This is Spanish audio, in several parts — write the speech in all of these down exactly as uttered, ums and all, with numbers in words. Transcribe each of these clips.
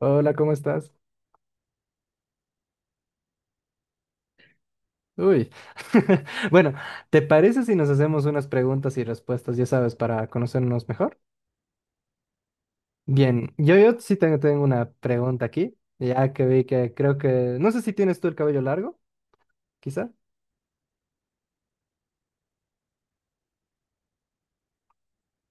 Hola, ¿cómo estás? Uy. Bueno, ¿te parece si nos hacemos unas preguntas y respuestas, ya sabes, para conocernos mejor? Bien, yo, yo sí tengo, tengo una pregunta aquí, ya que vi que creo que... No sé si tienes tú el cabello largo, quizá.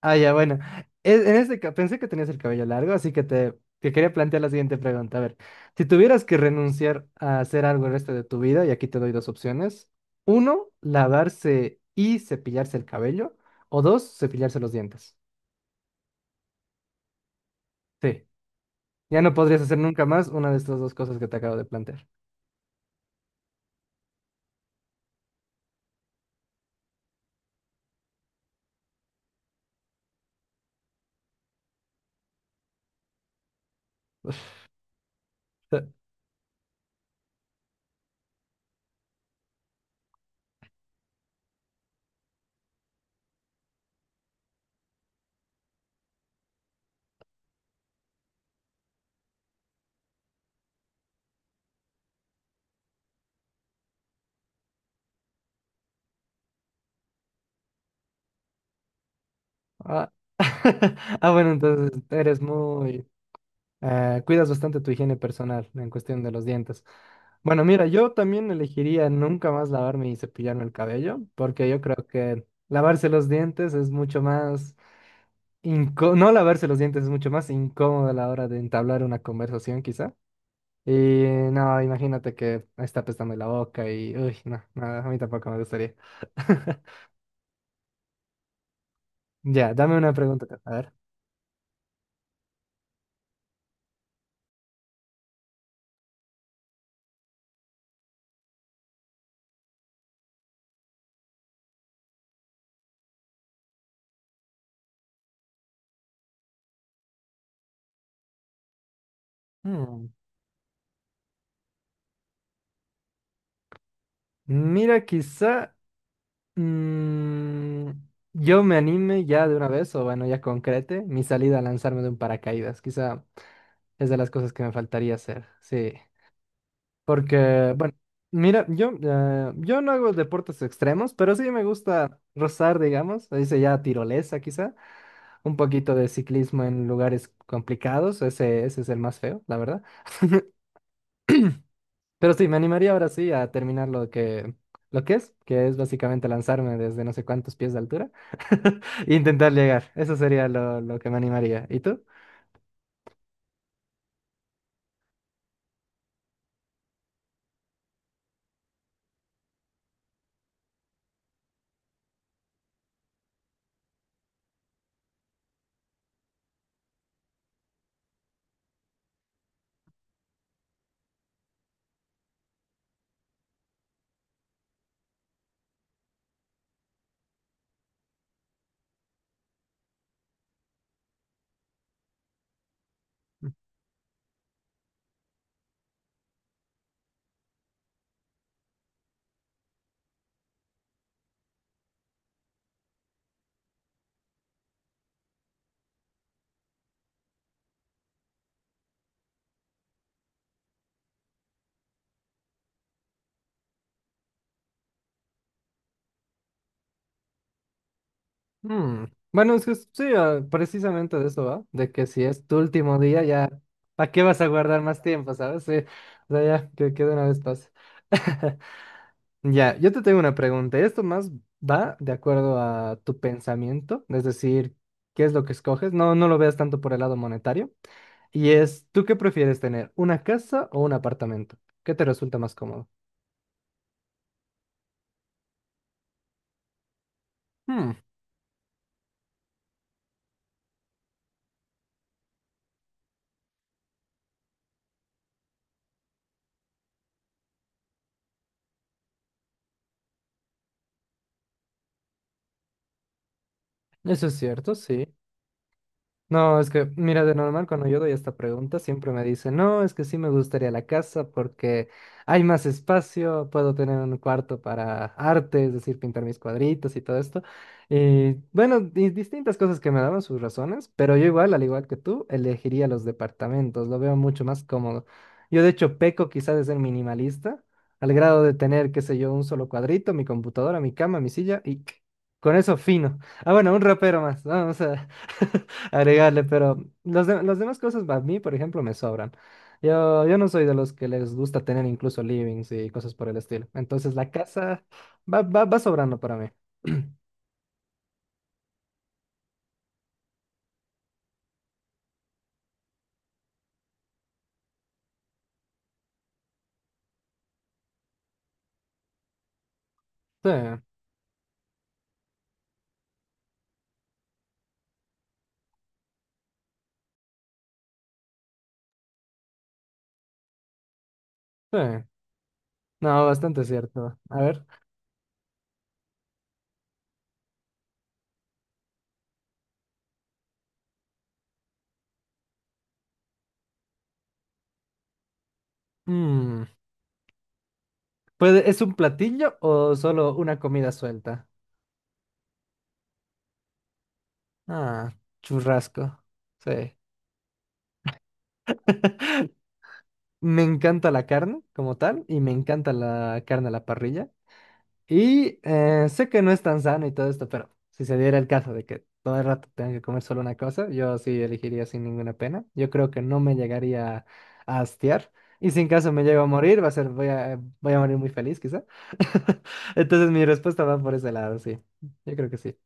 Ah, ya, bueno. E- En este ca- pensé que tenías el cabello largo, así que te, te quería plantear la siguiente pregunta. A ver, si tuvieras que renunciar a hacer algo el resto de tu vida, y aquí te doy dos opciones. Uno, lavarse y cepillarse el cabello. O dos, cepillarse los dientes. Sí. Ya no podrías hacer nunca más una de estas dos cosas que te acabo de plantear. Ah, ah, bueno, entonces eres muy... eh, cuidas bastante tu higiene personal en cuestión de los dientes. Bueno, mira, yo también elegiría nunca más lavarme y cepillarme el cabello, porque yo creo que lavarse los dientes es mucho más... inco- no lavarse los dientes es mucho más incómodo a la hora de entablar una conversación, quizá. Y no, imagínate que está apestando la boca y... Uy, no, no, a mí tampoco me gustaría. Ya, dame una pregunta. Tú. A ver. Mm, Mira, quizá mm, yo me anime ya de una vez, o bueno, ya concrete mi salida a lanzarme de un paracaídas. Quizá es de las cosas que me faltaría hacer. Sí. Porque, bueno, mira, yo, eh, yo no hago deportes extremos, pero sí me gusta rozar, digamos. Se dice ya tirolesa, quizá. Un poquito de ciclismo en lugares complicados. Ese, ese es el más feo, la verdad. Pero sí, me animaría ahora sí a terminar lo que, lo que es, que es básicamente lanzarme desde no sé cuántos pies de altura e intentar llegar. Eso sería lo, lo que me animaría. ¿Y tú? Mm, Bueno, es que s- sí, ah, precisamente de eso va, de que si es tu último día, ya, ¿para qué vas a guardar más tiempo, sabes? Sí, o sea, ya, que, que de una vez pase. Ya, yo te tengo una pregunta. Esto más va de acuerdo a tu pensamiento, es decir, ¿qué es lo que escoges? No, no lo veas tanto por el lado monetario. Y es, ¿tú qué prefieres tener? ¿Una casa o un apartamento? ¿Qué te resulta más cómodo? Hmm, eso es cierto, sí. No, es que, mira, de normal cuando yo doy esta pregunta siempre me dicen, no, es que sí me gustaría la casa porque hay más espacio, puedo tener un cuarto para arte, es decir, pintar mis cuadritos y todo esto. Y bueno, di- distintas cosas que me daban sus razones, pero yo igual, al igual que tú, elegiría los departamentos, lo veo mucho más cómodo. Yo de hecho peco quizás de ser minimalista, al grado de tener, qué sé yo, un solo cuadrito, mi computadora, mi cama, mi silla y con eso fino. Ah, bueno, un rapero más, vamos a... agregarle, pero los de- las demás cosas a mí, por ejemplo, me sobran. Yo, yo no soy de los que les gusta tener incluso livings y cosas por el estilo. Entonces la casa va, va, va sobrando para mí. Sí, sí. No, bastante cierto. A ver. mm, ¿puede- ¿es un platillo o solo una comida suelta? Ah, churrasco. Sí. Me encanta la carne como tal y me encanta la carne a la parrilla. Y eh, sé que no es tan sano y todo esto, pero si se diera el caso de que todo el rato tenga que comer solo una cosa, yo sí elegiría sin ninguna pena. Yo creo que no me llegaría a hastiar. Y si en caso me llego a morir, va a ser, voy a, voy a morir muy feliz, quizá. Entonces mi respuesta va por ese lado, sí. Yo creo que sí.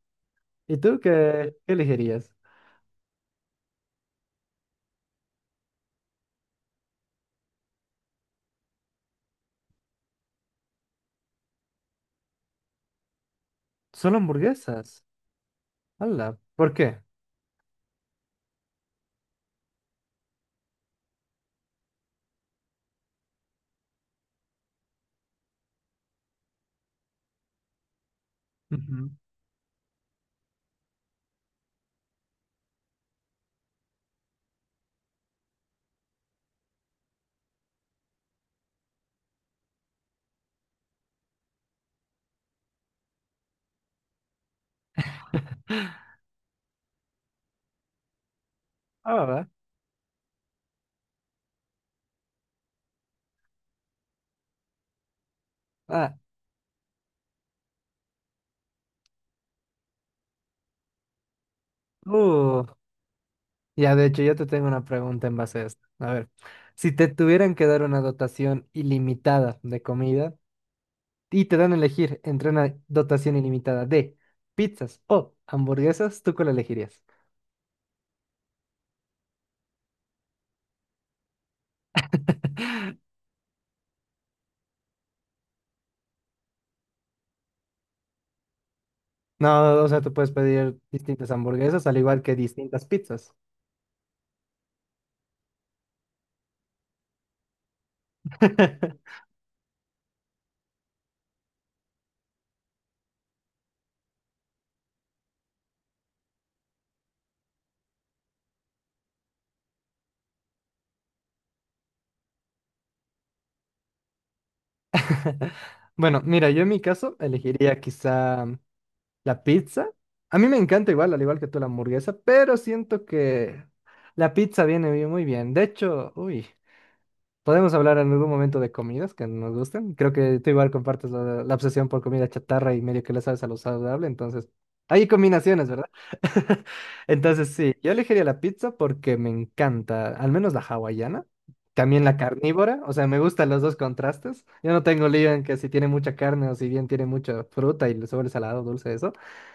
¿Y tú qué, qué elegirías? Solo hamburguesas. Hola. ¿Por qué? Ujú. Ah, va, va. Ah, uh, ya, de hecho, yo te tengo una pregunta en base a esto. A ver, si te tuvieran que dar una dotación ilimitada de comida y te dan a elegir entre una dotación ilimitada de pizzas o hamburguesas, ¿tú cuál elegirías? No, o sea, tú puedes pedir distintas hamburguesas al igual que distintas pizzas. Bueno, mira, yo en mi caso elegiría quizá la pizza. A mí me encanta igual, al igual que tú la hamburguesa, pero siento que la pizza viene bien- muy bien. De hecho, uy. Podemos hablar en algún momento de comidas que nos gusten. Creo que tú igual compartes la, la obsesión por comida chatarra y medio que le sabes a lo saludable, entonces hay combinaciones, ¿verdad? Entonces sí, yo elegiría la pizza porque me encanta, al menos la hawaiana, también la carnívora, o sea, me gustan los dos contrastes. Yo no tengo lío en que si tiene mucha carne o si bien tiene mucha fruta y le sobra salado, dulce, eso.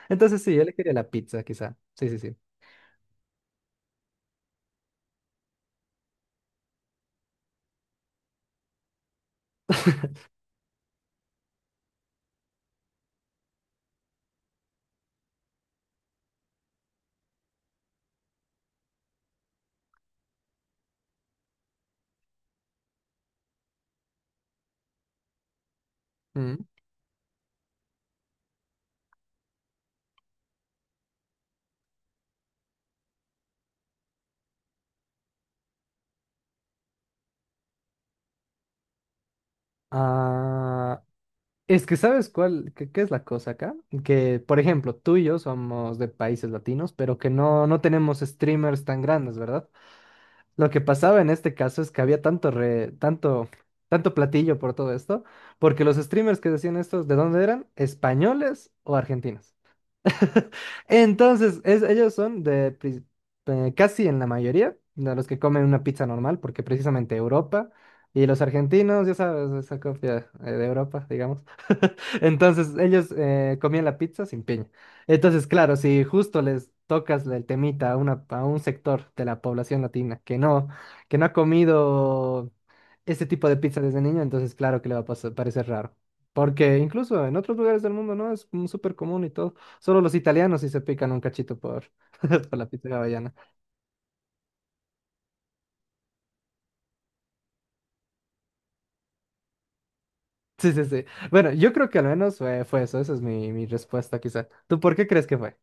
Entonces sí, yo elegiría la pizza, quizá. Sí, sí, sí. Mm. Ah, es que sabes cuál, qué, qué es la cosa acá? Que, por ejemplo, tú y yo somos de países latinos, pero que no, no tenemos streamers tan grandes, ¿verdad? Lo que pasaba en este caso es que había tanto, re- tanto, tanto platillo por todo esto, porque los streamers que decían estos, ¿de dónde eran? ¿Españoles o argentinos? Entonces, es- ellos son de pri- eh, casi en la mayoría de los que comen una pizza normal, porque precisamente Europa y los argentinos, ya sabes, esa copia eh, de Europa, digamos. Entonces, ellos eh, comían la pizza sin piña. Entonces, claro, si justo les tocas el temita a, una, a un sector de la población latina que no, que no ha comido este tipo de pizza desde niño, entonces claro que le va a pasar- parecer raro. Porque incluso en otros lugares del mundo, ¿no? Es como súper común y todo. Solo los italianos sí se pican un cachito por, por la pizza hawaiana. Sí, sí, sí. Bueno, yo creo que al menos fue, fue eso. Esa es mi, mi respuesta, quizá. ¿Tú por qué crees que fue?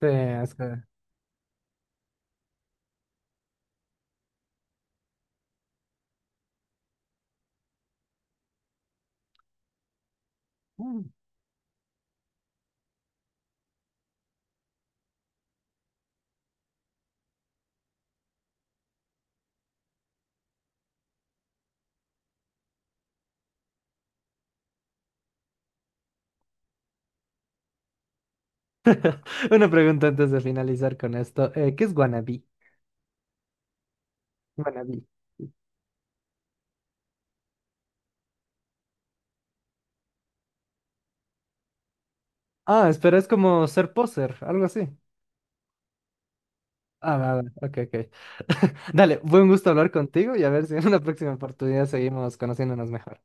Sí, es que- Una pregunta antes de finalizar con esto. eh, ¿qué es wannabe? Wannabe. Ah, espera, es como ser poser, algo así. Ah, va, va, ok, ok. Dale, buen gusto hablar contigo y a ver si en una próxima oportunidad seguimos conociéndonos mejor.